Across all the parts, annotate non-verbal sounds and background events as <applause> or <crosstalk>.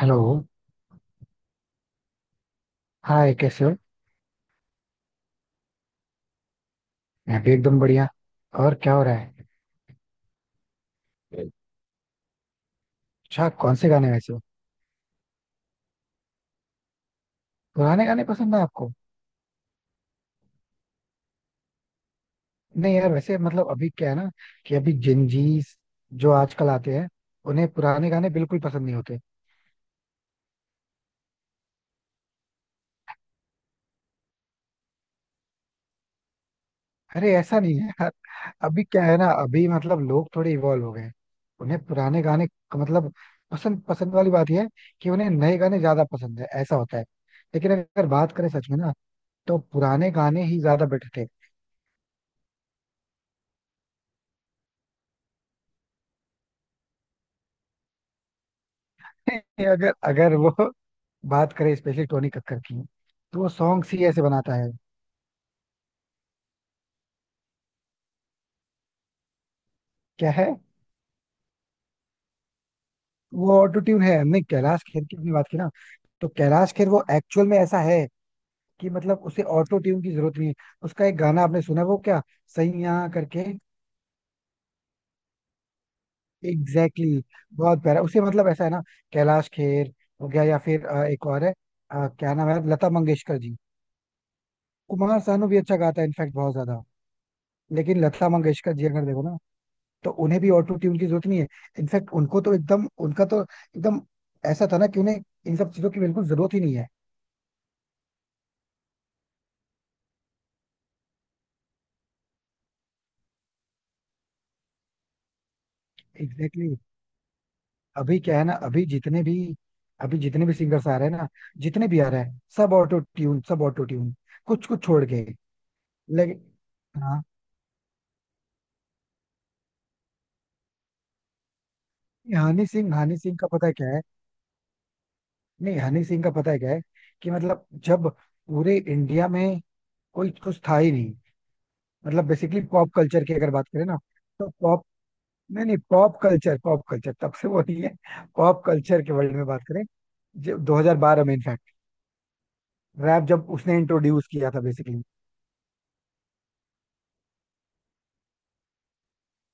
Hello. Hi, कैसे हो? मैं भी एकदम बढ़िया। और क्या हो रहा है? अच्छा, कौन से गाने वैसे हो? पुराने गाने पसंद है आपको? नहीं यार, वैसे मतलब अभी क्या है ना, कि अभी जिंजीस जो आजकल आते हैं उन्हें पुराने गाने बिल्कुल पसंद नहीं होते। अरे ऐसा नहीं है यार। अभी क्या है ना, अभी मतलब लोग थोड़े इवॉल्व हो गए हैं। उन्हें पुराने गाने मतलब पसंद पसंद वाली बात यह है कि उन्हें नए गाने ज्यादा पसंद है, ऐसा होता है। लेकिन अगर बात करें सच में ना, तो पुराने गाने ही ज्यादा बेटर थे। <laughs> अगर अगर वो बात करें स्पेशली टोनी कक्कर की, तो वो सॉन्ग्स ही ऐसे बनाता है। क्या है? वो ऑटो ट्यून है, हमने कैलाश खेर की अपनी बात की ना, तो कैलाश खेर वो एक्चुअल में ऐसा है कि मतलब उसे ऑटो ट्यून की जरूरत नहीं है। उसका एक गाना आपने सुना है, वो क्या, सही यहाँ करके। एग्जैक्टली exactly, बहुत प्यारा। उसे मतलब ऐसा है ना, कैलाश खेर हो गया, या फिर एक और है। क्या नाम है, लता मंगेशकर जी। कुमार सानू भी अच्छा गाता है, इनफैक्ट बहुत ज्यादा। लेकिन लता मंगेशकर जी अगर देखो ना, तो उन्हें भी ऑटो ट्यून की जरूरत नहीं है। इनफैक्ट उनको तो एकदम, उनका तो एकदम ऐसा था ना कि उन्हें इन सब चीजों की बिल्कुल जरूरत ही नहीं है। Exactly exactly. अभी क्या है ना, अभी जितने भी सिंगर्स आ रहे हैं ना, जितने भी आ रहे हैं सब ऑटो ट्यून, सब ऑटो ट्यून, कुछ कुछ छोड़ के। लेकिन, हाँ। ये हनी सिंह, हनी सिंह का पता है क्या है? नहीं, हनी सिंह का पता है क्या है, कि मतलब जब पूरे इंडिया में कोई कुछ था ही नहीं, मतलब बेसिकली पॉप कल्चर की अगर बात करें ना, तो नहीं नहीं, पॉप कल्चर, पॉप कल्चर तब से वो नहीं है। पॉप कल्चर के वर्ल्ड में बात करें, जब 2012 में इनफैक्ट रैप जब उसने इंट्रोड्यूस किया था बेसिकली।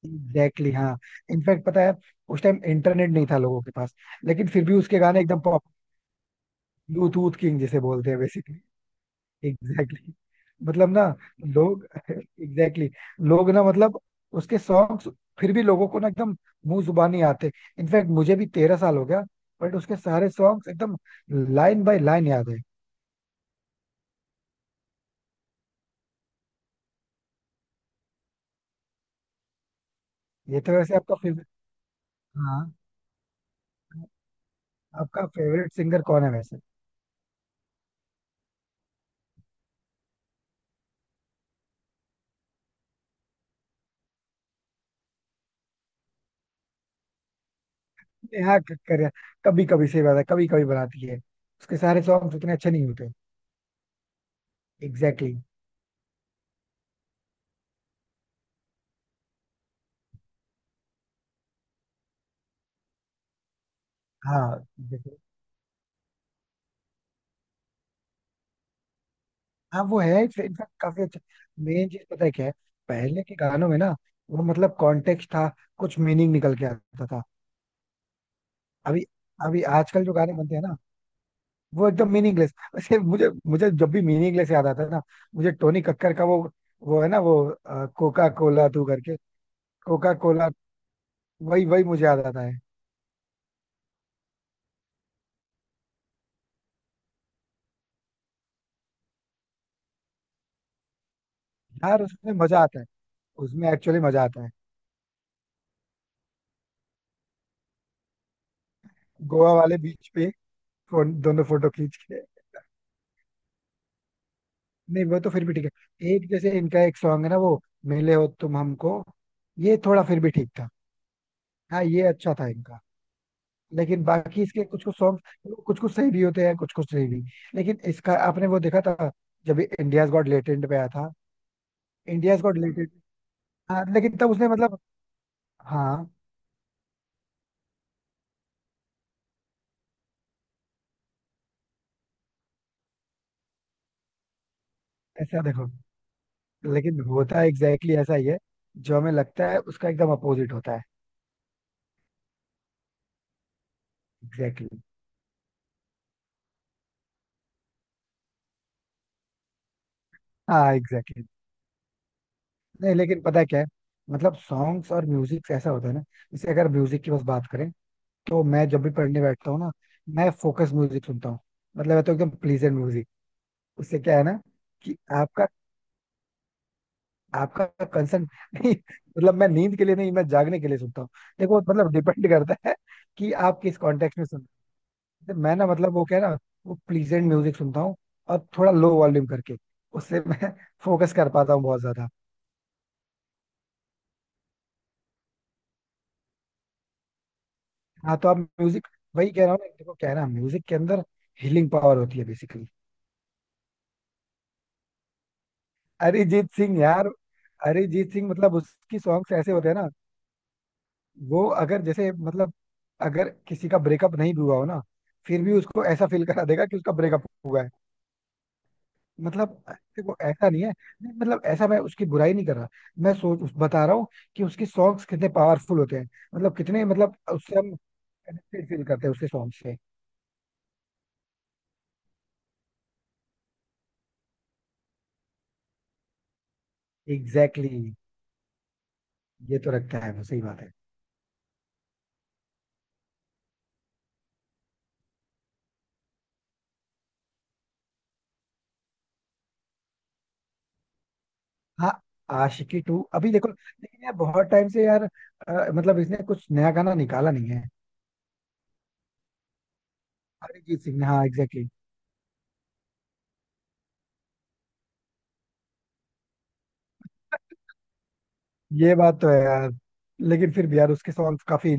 एग्जैक्टली exactly, हाँ। इनफैक्ट पता है, उस टाइम इंटरनेट नहीं था लोगों के पास, लेकिन फिर भी उसके गाने एकदम पॉप। ब्लूटूथ किंग जिसे बोलते हैं बेसिकली। Exactly exactly. मतलब ना, लोग <laughs> एग्जैक्टली exactly, लोग ना मतलब उसके सॉन्ग्स फिर भी लोगों को ना एकदम मुंह जुबानी आते। इनफैक्ट मुझे भी 13 साल हो गया, बट उसके सारे सॉन्ग्स एकदम लाइन बाय लाइन याद है। ये तो वैसे आपका फेवरेट। हाँ, आपका फेवरेट सिंगर कौन है वैसे? नेहा कक्कर, कभी कभी सही बात है, कभी कभी बनाती है, उसके सारे सॉन्ग उतने अच्छे नहीं होते। Exactly exactly. हाँ जैसे-, हाँ वो है, इनफैक्ट काफी अच्छा। मेन चीज पता है क्या है, पहले के गानों में ना, वो मतलब कॉन्टेक्स्ट था, कुछ मीनिंग निकल के आता था। अभी, आजकल जो गाने बनते हैं ना, वो एकदम मीनिंगलेस। <laughs> वैसे मुझे मुझे जब भी मीनिंगलेस याद आता है ना, मुझे टोनी कक्कर का वो है ना, वो कोका कोला तू करके, कोका कोला, वही वही मुझे याद आता है। यार उसमें मजा आता है, उसमें एक्चुअली मजा आता है। गोवा वाले बीच पे, फोन दोनों फोटो खींच के। नहीं, वो तो फिर भी ठीक है। एक जैसे इनका एक सॉन्ग है ना वो, मिले हो तुम हमको, ये थोड़ा फिर भी ठीक था। हाँ ये अच्छा था इनका। लेकिन बाकी इसके कुछ कुछ सॉन्ग कुछ कुछ सही भी होते हैं, कुछ कुछ सही भी। लेकिन इसका आपने वो देखा था, जब इंडियाज गॉट लेटेंट पे आया था? India's Got Latent. हाँ लेकिन तब उसने मतलब, हाँ। ऐसा देखो, लेकिन होता एग्जैक्टली exactly ऐसा ही है, जो हमें लगता है उसका एकदम अपोजिट होता है। Exactly exactly. हाँ एग्जैक्टली exactly. नहीं लेकिन पता है क्या है, मतलब सॉन्ग्स और म्यूजिक ऐसा होता है ना, जैसे अगर म्यूजिक की बस बात करें, तो मैं जब भी पढ़ने बैठता हूँ ना, मैं फोकस म्यूजिक सुनता हूँ। मतलब है तो एकदम प्लीजेंट म्यूजिक, उससे क्या है ना कि आपका आपका कंसर्न। <laughs> नहीं मतलब मैं नींद के लिए नहीं, मैं जागने के लिए सुनता हूँ। देखो मतलब डिपेंड करता है, कि आप किस कॉन्टेक्स्ट में। मैं ना मतलब वो क्या है ना, वो प्लीजेंट म्यूजिक सुनता हूँ, और थोड़ा लो वॉल्यूम करके, उससे मैं <laughs> फोकस कर पाता हूँ बहुत ज्यादा। हाँ तो आप म्यूजिक, वही कह रहा हूँ ना, देखो क्या है ना, म्यूजिक के अंदर हीलिंग पावर होती है बेसिकली। अरिजीत सिंह यार, अरिजीत सिंह मतलब उसकी सॉन्ग्स ऐसे होते हैं ना, वो अगर जैसे मतलब, अगर किसी का ब्रेकअप नहीं भी हुआ हो ना, फिर भी उसको ऐसा फील करा देगा कि उसका ब्रेकअप हुआ है। मतलब देखो ऐसा नहीं है, नहीं, मतलब ऐसा, मैं उसकी बुराई नहीं कर रहा, मैं सोच बता रहा हूँ कि उसके सॉन्ग्स कितने पावरफुल होते हैं, मतलब कितने, मतलब उससे हम कनेक्टेड फील करते हैं उसके सॉन्ग से। एग्जैक्टली exactly, ये तो रखता है वो, सही बात है। हाँ, आशिकी टू अभी देखो लेकिन यार, बहुत टाइम से यार मतलब इसने कुछ नया गाना निकाला नहीं है। अरिजीत सिंह ने, हाँ एग्जैक्टली। ये बात तो है यार। लेकिन फिर भी यार उसके सॉन्ग्स काफी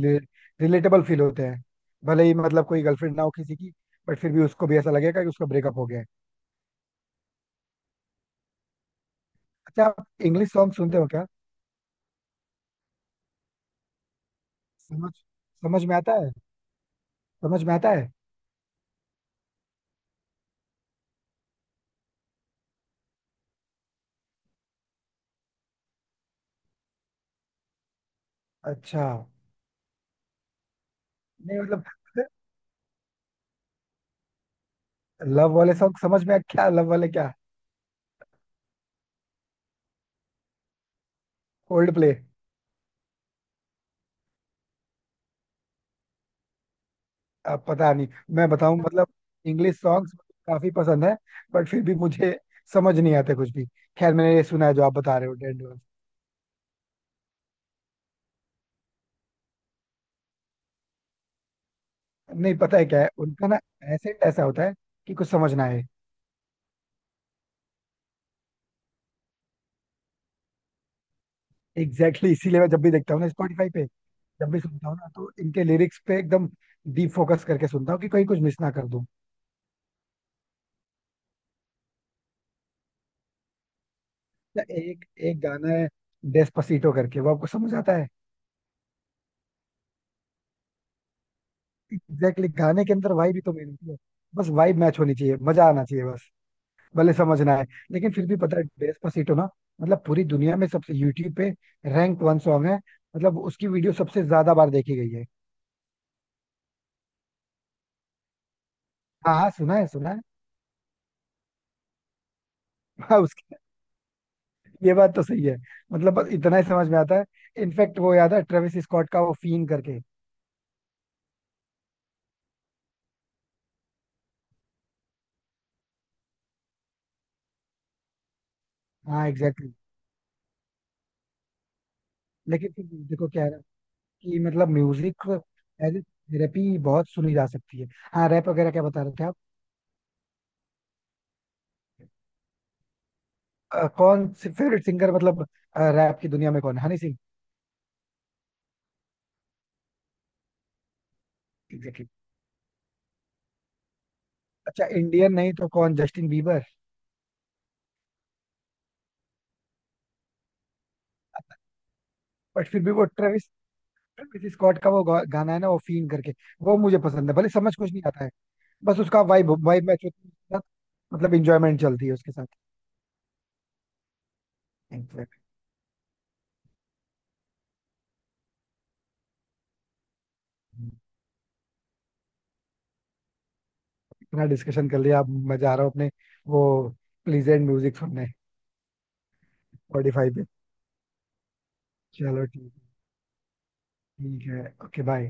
रिलेटेबल फील होते हैं, भले ही मतलब कोई गर्लफ्रेंड ना हो किसी की, बट फिर भी उसको भी ऐसा लगेगा कि उसका ब्रेकअप हो गया है। अच्छा आप इंग्लिश सॉन्ग सुनते हो क्या? समझ समझ में आता है, समझ में आता है। अच्छा। नहीं मतलब, <laughs> लव वाले सॉन्ग क्या लव वाले, क्या? ओल्ड प्ले, अब पता नहीं। मैं बताऊं मतलब, इंग्लिश सॉन्ग्स काफी पसंद है, बट फिर भी मुझे समझ नहीं आते कुछ भी। खैर, मैंने ये सुना है जो आप बता रहे हो। नहीं पता है क्या है उनका ना, एसेंट ऐसा होता है कि कुछ समझ ना आए। एग्जैक्टली exactly, इसीलिए मैं जब भी देखता हूँ ना स्पॉटिफाई पे, जब भी सुनता हूँ ना, तो इनके लिरिक्स पे एकदम डीप फोकस करके सुनता हूँ कि कहीं कुछ मिस ना कर दूं। या एक, गाना है डेस्पासीटो करके, वो आपको समझ आता है? एग्जैक्टली exactly, गाने के अंदर वाइब ही तो मेन होती है। बस वाइब मैच होनी चाहिए, मजा आना चाहिए बस। भले समझ ना आए। लेकिन फिर भी पता है, डेस्पासीटो ना, मतलब पूरी दुनिया में सबसे, यूट्यूब पे रैंक 1 सॉन्ग है, मतलब उसकी वीडियो सबसे ज्यादा बार देखी गई है। हाँ हाँ, सुना है, सुना है। <laughs> हाँ, ये बात तो सही है, मतलब बस इतना ही समझ में आता है। इनफैक्ट वो याद है, ट्रेविस स्कॉट का वो फीन करके। हाँ एग्जैक्टली exactly. लेकिन फिर देखो क्या है ना, कि मतलब म्यूजिक एज ए थेरेपी बहुत सुनी जा सकती है। हाँ रैप वगैरह क्या बता रहे थे आप? कौन से फेवरेट सिंगर मतलब, रैप की दुनिया में कौन, हनी सिंह? Exactly exactly. अच्छा इंडियन नहीं तो कौन, जस्टिन बीबर? बट फिर भी वो ट्रेविस, स्कॉट का वो गाना है ना, वो फीन करके, वो मुझे पसंद है, भले समझ कुछ नहीं आता है। बस उसका वाइब वाइब मैच होती है उसके साथ, मतलब इंजॉयमेंट चलती है उसके साथ। Exactly। इतना डिस्कशन कर लिया, अब मैं जा रहा हूँ अपने वो प्लीजेंट म्यूजिक सुनने स्पॉटिफाई पे। चलो ठीक, ठीक है, ओके, बाय।